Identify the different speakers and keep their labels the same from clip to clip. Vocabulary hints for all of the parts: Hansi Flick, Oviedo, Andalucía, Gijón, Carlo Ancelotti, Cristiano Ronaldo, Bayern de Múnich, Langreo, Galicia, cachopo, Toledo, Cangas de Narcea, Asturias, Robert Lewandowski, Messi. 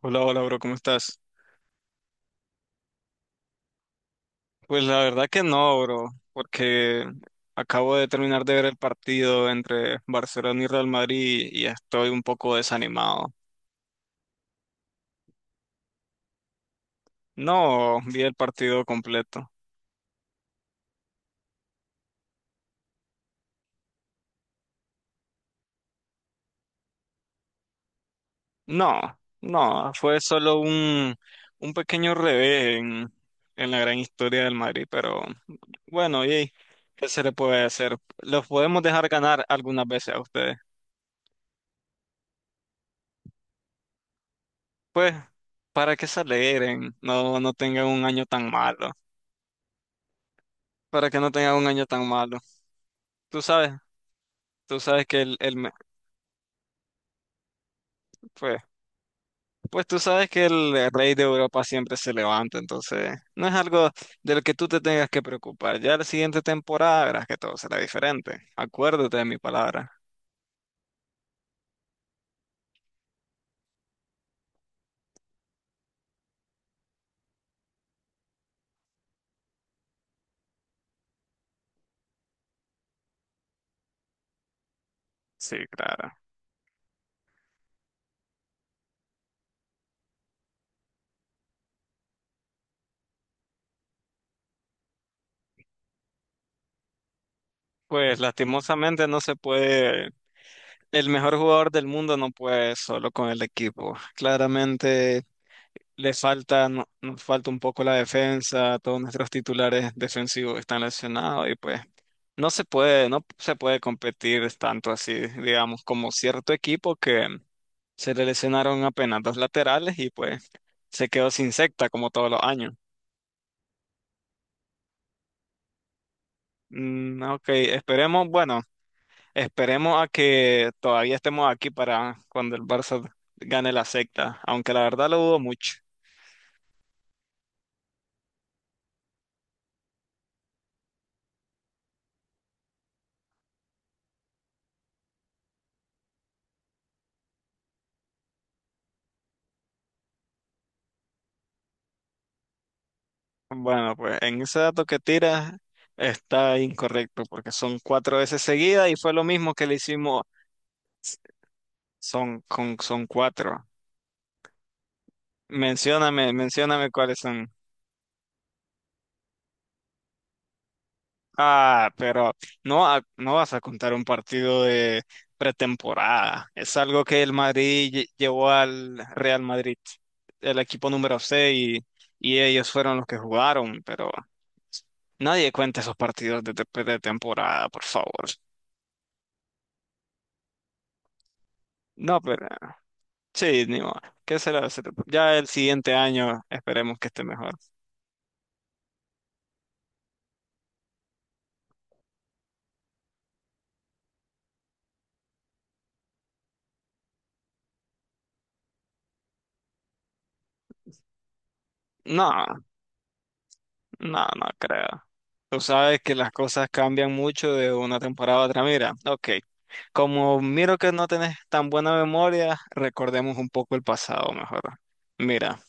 Speaker 1: Hola, hola, bro, ¿cómo estás? Pues la verdad que no, bro, porque acabo de terminar de ver el partido entre Barcelona y Real Madrid y estoy un poco desanimado. No vi el partido completo. No, no, fue solo un pequeño revés en la gran historia del Madrid, pero bueno, y ¿qué se le puede hacer? Los podemos dejar ganar algunas veces a ustedes. Pues, para que se alegren, no, no tengan un año tan malo. Para que no tenga un año tan malo. Tú sabes, tú sabes que el me- pues, tú sabes que el rey de Europa siempre se levanta, entonces no es algo de lo que tú te tengas que preocupar. Ya la siguiente temporada verás que todo será diferente. Acuérdate de mi palabra. Sí, claro. Pues lastimosamente no se puede, el mejor jugador del mundo no puede solo con el equipo. Claramente le falta, no- nos falta un poco la defensa, todos nuestros titulares defensivos están lesionados y pues no se puede competir tanto así, digamos, como cierto equipo que se le lesionaron apenas dos laterales y pues se quedó sin secta como todos los años. Mm, ok, esperemos, bueno, esperemos a que todavía estemos aquí para cuando el Barça gane la secta, aunque la verdad lo dudo mucho. Bueno, pues en ese dato que tiras está incorrecto porque son cuatro veces seguidas y fue lo mismo que le hicimos. Son cuatro. Mencióname, mencióname cuáles son. Ah, pero no, no vas a contar un partido de pretemporada. Es algo que el Madrid llevó al Real Madrid, el equipo número seis, y ellos fueron los que jugaron, pero nadie cuenta esos partidos de pretemporada, por favor. No, pero... Sí, ni modo. ¿Qué será? Ya el siguiente año esperemos que esté mejor. No, no, no creo. Tú sabes que las cosas cambian mucho de una temporada a otra. Mira, ok. Como miro que no tenés tan buena memoria, recordemos un poco el pasado mejor. Mira.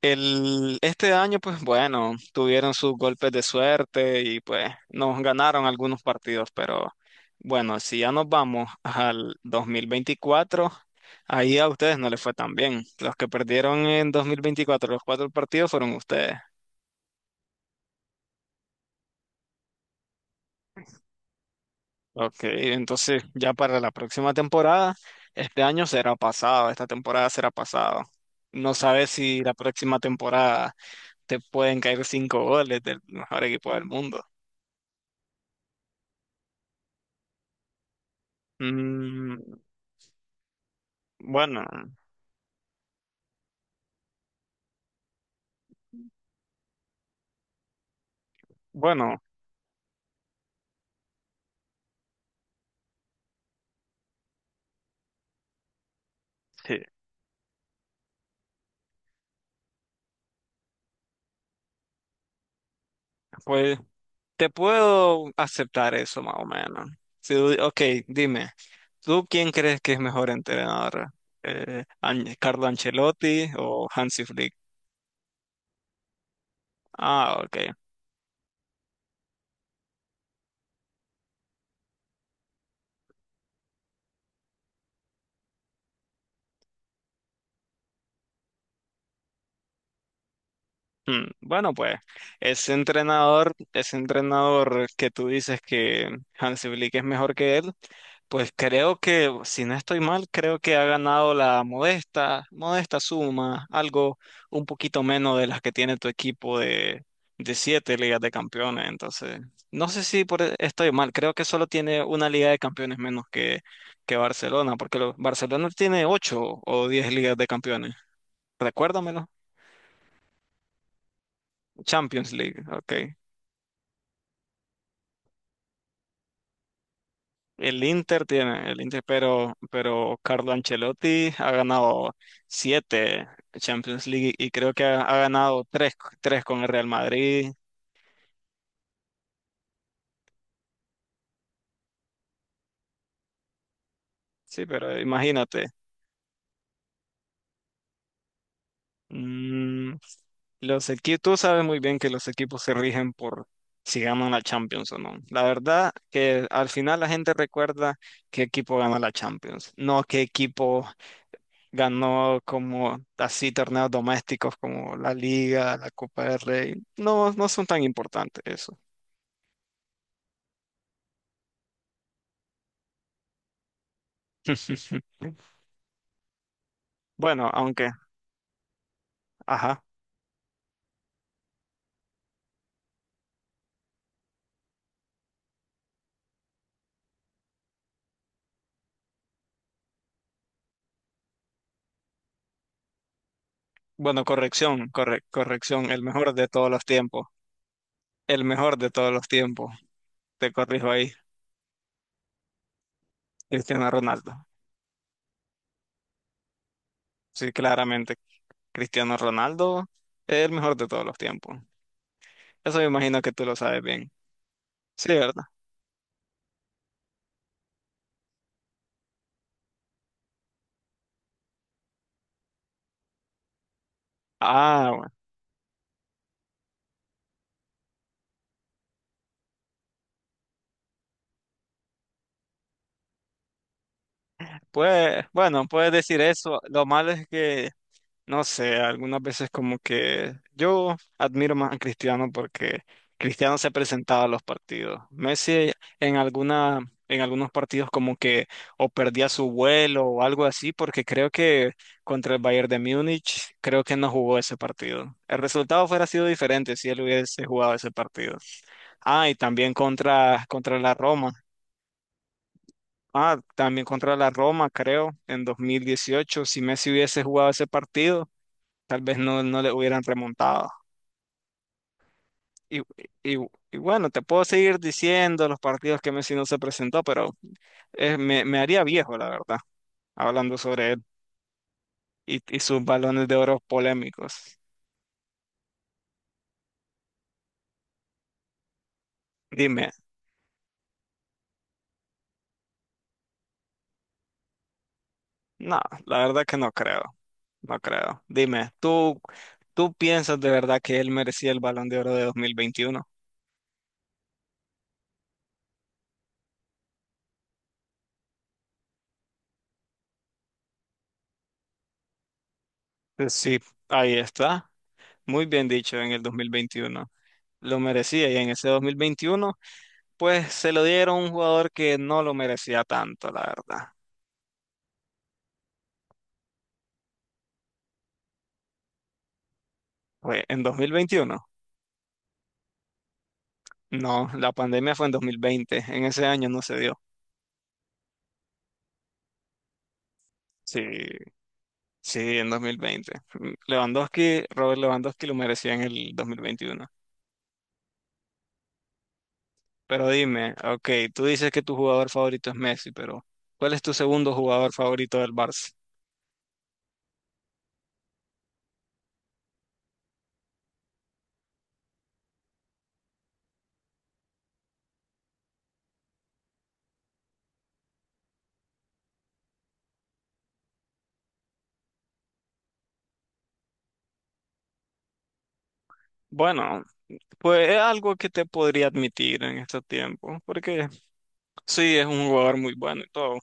Speaker 1: Este año, pues bueno, tuvieron sus golpes de suerte y pues nos ganaron algunos partidos, pero bueno, si ya nos vamos al 2024, ahí a ustedes no les fue tan bien. Los que perdieron en 2024, los cuatro partidos fueron ustedes. Ok, entonces ya para la próxima temporada, este año será pasado, esta temporada será pasado. No sabes si la próxima temporada te pueden caer cinco goles del mejor equipo del mundo. Mm, bueno, bueno, sí. Pues te puedo aceptar eso más o menos. Si, ok, dime, ¿tú quién crees que es mejor entrenador? ¿Carlo Ancelotti o Hansi Flick? Ah, ok. Hmm, bueno, pues ese entrenador que tú dices que Hansi Flick es mejor que él, pues creo que, si no estoy mal, creo que ha ganado la modesta, modesta suma, algo un poquito menos de las que tiene tu equipo, de siete ligas de campeones. Entonces, no sé si estoy mal, creo que solo tiene una liga de campeones menos que Barcelona, porque Barcelona tiene ocho o diez ligas de campeones. Recuérdamelo. Champions League, ok. El Inter tiene, el Inter, pero Carlo Ancelotti ha ganado siete Champions League y creo que ha ganado tres, tres con el Real Madrid. Sí, pero imagínate. mm, los equipos, tú sabes muy bien que los equipos se rigen por si ganan la Champions o no. La verdad que al final la gente recuerda qué equipo gana la Champions, no qué equipo ganó como así torneos domésticos como la Liga, la Copa del Rey. No, no son tan importantes eso. Bueno, aunque, ajá. Bueno, corrección, el mejor de todos los tiempos. El mejor de todos los tiempos. Te corrijo ahí, Cristiano Ronaldo. Sí, claramente, Cristiano Ronaldo es el mejor de todos los tiempos. Eso me imagino que tú lo sabes bien. Sí, ¿verdad? Ah, bueno. Pues, bueno, puedes decir eso. Lo malo es que no sé, algunas veces como que yo admiro más a Cristiano porque Cristiano se presentaba a los partidos. Messi en alguna, en algunos partidos como que o perdía su vuelo o algo así, porque creo que contra el Bayern de Múnich creo que no jugó ese partido. El resultado fuera sido diferente si él hubiese jugado ese partido. Ah, y también contra la Roma. Ah, también contra la Roma, creo, en 2018, si Messi hubiese jugado ese partido tal vez no, no le hubieran remontado. Y, y- y bueno, te puedo seguir diciendo los partidos que Messi no se presentó, pero me haría viejo, la verdad, hablando sobre él y sus balones de oro polémicos. Dime, no, la verdad que no creo, no creo. Dime, ¿tú piensas de verdad que él merecía el balón de oro de 2021? Pues sí, ahí está. Muy bien dicho en el 2021. Lo merecía, y en ese 2021 pues se lo dieron a un jugador que no lo merecía tanto, la verdad. Fue en 2021. No, la pandemia fue en 2020. En ese año no se dio. Sí, sí, en 2020. Lewandowski, Robert Lewandowski lo merecía en el 2021. Pero dime, ok, tú dices que tu jugador favorito es Messi, pero ¿cuál es tu segundo jugador favorito del Barça? Bueno, pues es algo que te podría admitir en estos tiempos, porque sí, es un jugador muy bueno y todo.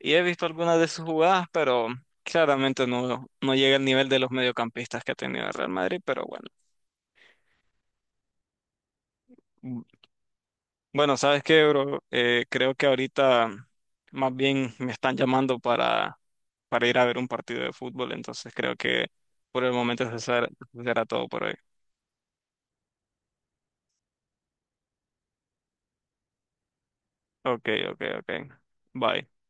Speaker 1: Y he visto algunas de sus jugadas, pero claramente no, no llega al nivel de los mediocampistas que ha tenido el Real Madrid, pero bueno. Mm, bueno, ¿sabes qué, bro? Creo que ahorita más bien me están llamando para, ir a ver un partido de fútbol, entonces creo que por el momento eso será todo por hoy. Ok, ok, ok. Bye.